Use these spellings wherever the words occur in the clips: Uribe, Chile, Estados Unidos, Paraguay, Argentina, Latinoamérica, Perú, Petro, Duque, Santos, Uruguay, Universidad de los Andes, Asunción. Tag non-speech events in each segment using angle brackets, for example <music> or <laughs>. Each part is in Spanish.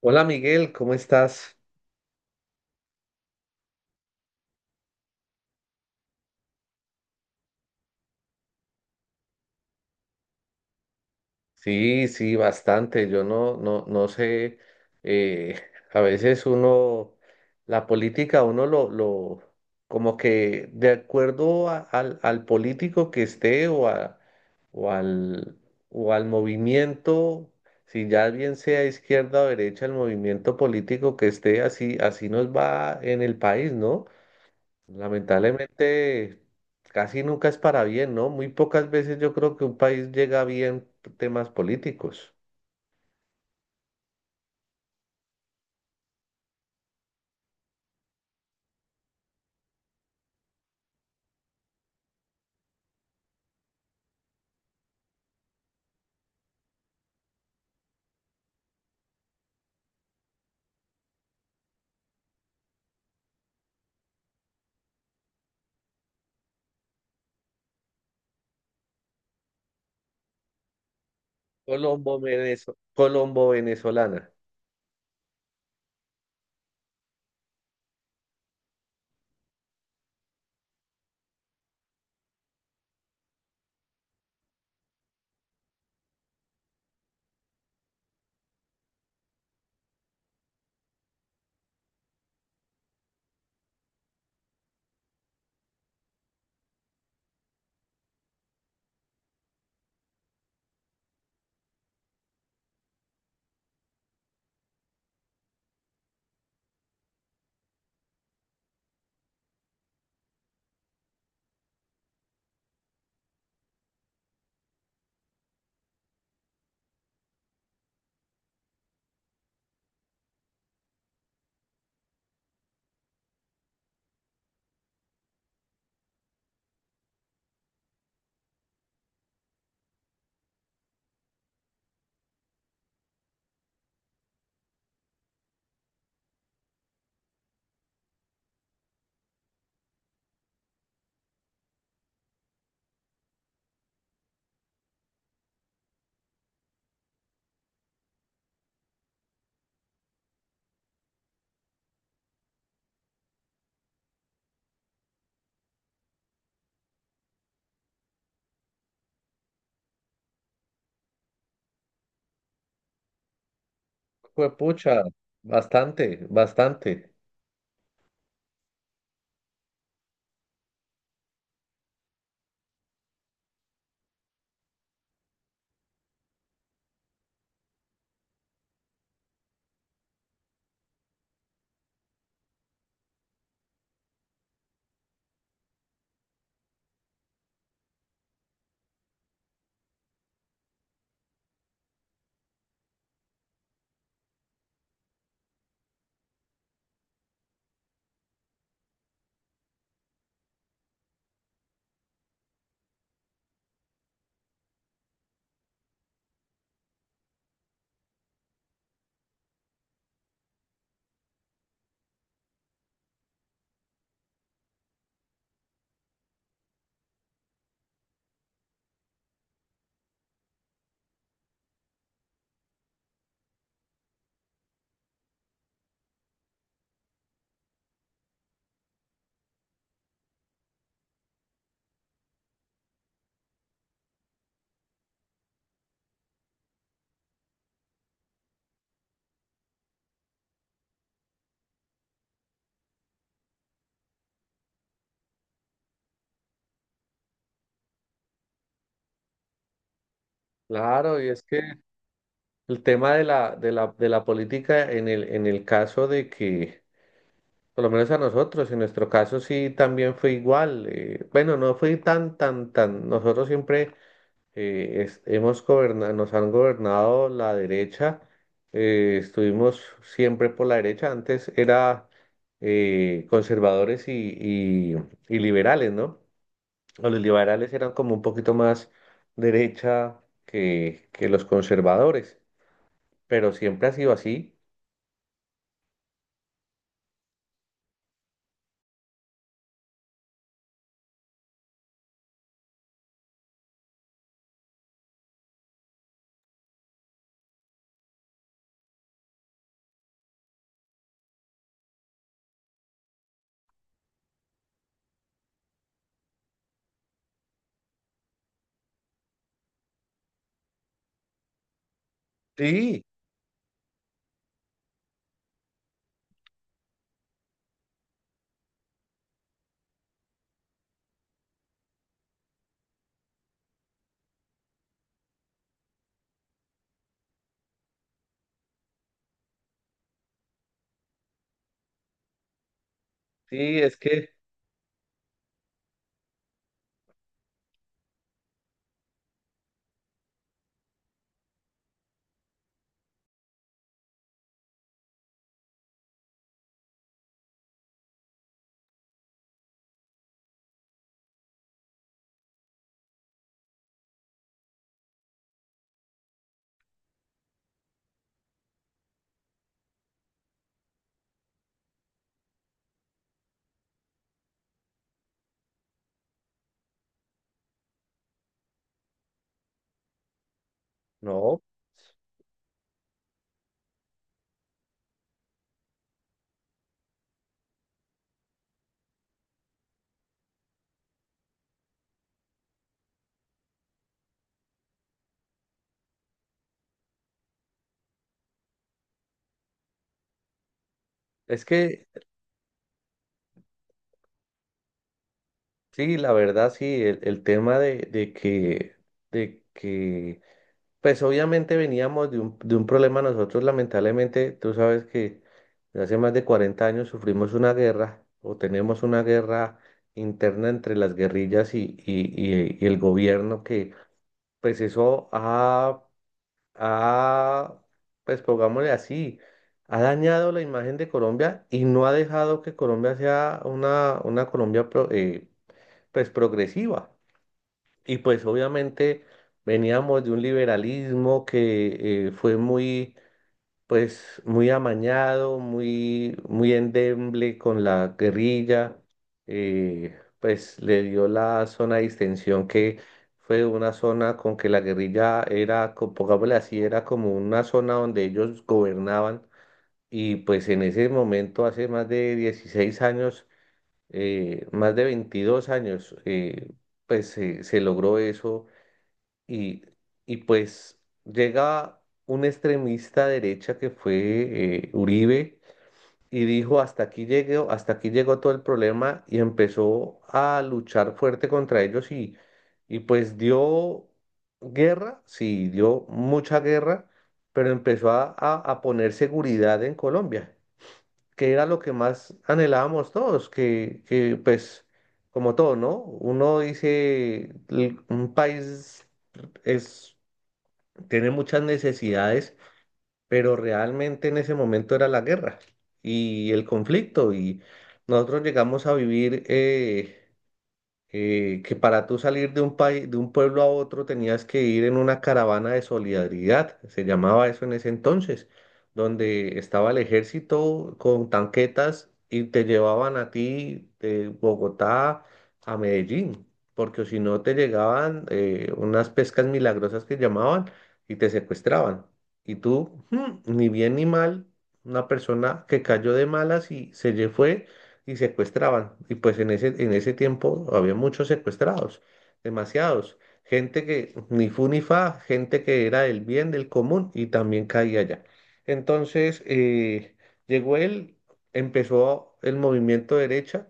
Hola Miguel, ¿cómo estás? Sí, sí, bastante. Yo no sé. eh, <laughs> a veces uno, la política, uno como que de acuerdo al político que esté o al, o al movimiento, si ya bien sea izquierda o derecha, el movimiento político que esté, así, así nos va en el país, ¿no? Lamentablemente, casi nunca es para bien, ¿no? Muy pocas veces yo creo que un país llega bien temas políticos. Colombo, Colombo venezolana. Fue pucha, bastante, bastante. Claro, y es que el tema de la política en el caso de que, por lo menos a nosotros, en nuestro caso sí también fue igual. Bueno, no fue tan. Nosotros siempre nos han gobernado la derecha, estuvimos siempre por la derecha, antes era conservadores y liberales, ¿no? O los liberales eran como un poquito más derecha que los conservadores, pero siempre ha sido así. Sí, sí, es que, no, es que, sí, la verdad, sí, el tema de que... De que pues obviamente veníamos de un problema nosotros, lamentablemente, tú sabes que hace más de 40 años sufrimos una guerra o tenemos una guerra interna entre las guerrillas y el gobierno que pues eso ha, ha, pues pongámosle así, ha dañado la imagen de Colombia y no ha dejado que Colombia sea una Colombia pues progresiva. Y pues obviamente veníamos de un liberalismo que fue muy, pues, muy amañado, muy, muy endeble con la guerrilla, pues le dio la zona de distensión que fue una zona con que la guerrilla era, pongámosle así, era como una zona donde ellos gobernaban y pues en ese momento, hace más de 16 años, más de 22 años, pues se se logró eso y, y pues llega un extremista derecha que fue Uribe y dijo hasta aquí llegó todo el problema y empezó a luchar fuerte contra ellos y pues dio guerra, sí, dio mucha guerra, pero empezó a poner seguridad en Colombia, que era lo que más anhelábamos todos, que pues... Como todo, ¿no? Uno dice, "L- un país es tiene muchas necesidades, pero realmente en ese momento era la guerra y el conflicto y nosotros llegamos a vivir... que para tú salir de un país, de un pueblo a otro tenías que ir en una caravana de solidaridad, se llamaba eso en ese entonces, donde estaba el ejército con tanquetas y te llevaban a ti de Bogotá a Medellín, porque si no te llegaban unas pescas milagrosas que llamaban y te secuestraban. Y tú, ni bien ni mal, una persona que cayó de malas y fue y secuestraban. Y pues en ese tiempo había muchos secuestrados, demasiados. Gente que ni fu ni fa, gente que era del bien, del común y también caía allá. Entonces llegó él, empezó el movimiento derecha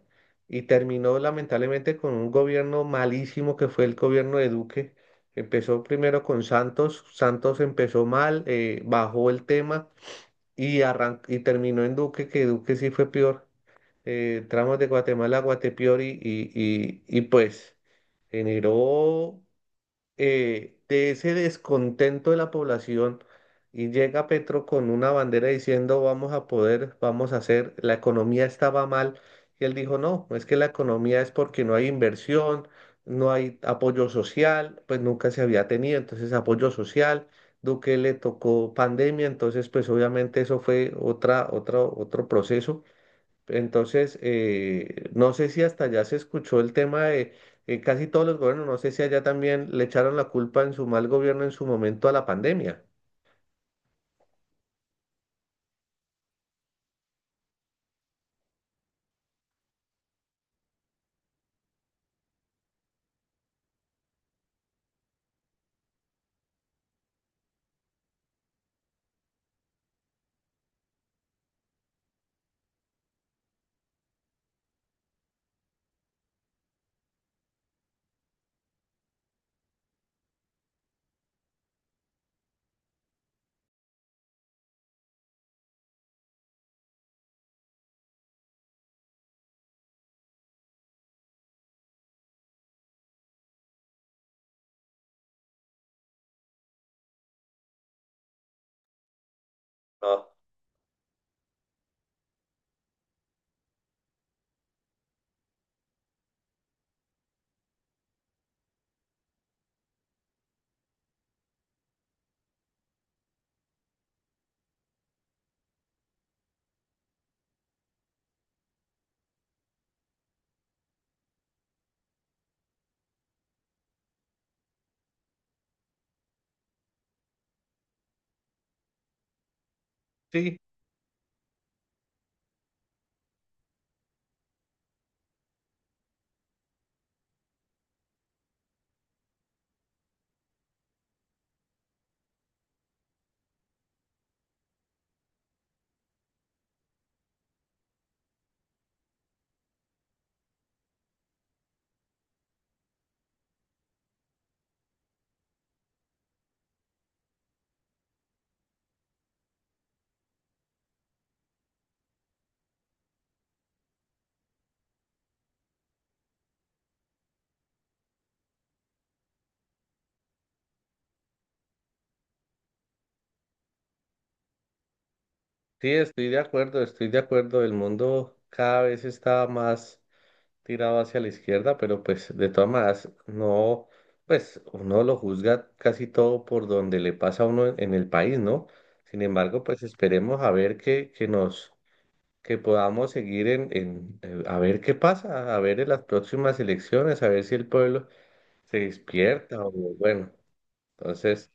y terminó lamentablemente con un gobierno malísimo que fue el gobierno de Duque. Empezó primero con Santos, Santos empezó mal, bajó el tema y, y terminó en Duque, que Duque sí fue peor tramos de Guatemala a Guatepeori y pues generó de ese descontento de la población y llega Petro con una bandera diciendo vamos a poder, vamos a hacer, la economía estaba mal y él dijo no, es que la economía es porque no hay inversión, no hay apoyo social, pues nunca se había tenido, entonces apoyo social. Duque le tocó pandemia, entonces pues obviamente eso fue otro proceso. Entonces, no sé si hasta allá se escuchó el tema de casi todos los gobiernos, no sé si allá también le echaron la culpa en su mal gobierno en su momento a la pandemia. No, sí, sí, estoy de acuerdo, estoy de acuerdo. El mundo cada vez está más tirado hacia la izquierda, pero pues de todas maneras, no, pues uno lo juzga casi todo por donde le pasa a uno en el país, ¿no? Sin embargo, pues esperemos a ver que nos que podamos seguir en, a ver qué pasa, a ver en las próximas elecciones, a ver si el pueblo se despierta o bueno, entonces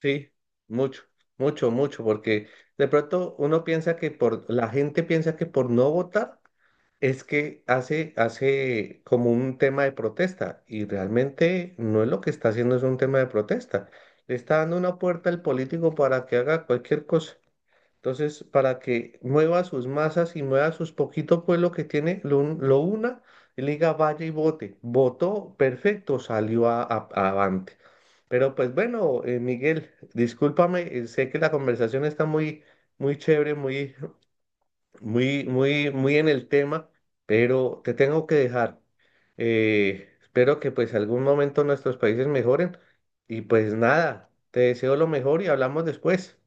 sí, mucho, mucho, mucho, porque de pronto uno piensa que por, la gente piensa que por no votar es que hace, hace como un tema de protesta y realmente no es lo que está haciendo, es un tema de protesta. Le está dando una puerta al político para que haga cualquier cosa. Entonces, para que mueva sus masas y mueva sus poquito pueblo que tiene, lo, un- lo una y le diga vaya y vote. Votó, perfecto, salió avante. Pero pues bueno, Miguel, discúlpame, sé que la conversación está muy, muy chévere, muy, muy, muy, muy en el tema, pero te tengo que dejar. Espero que pues algún momento nuestros países mejoren y pues nada, te deseo lo mejor y hablamos después.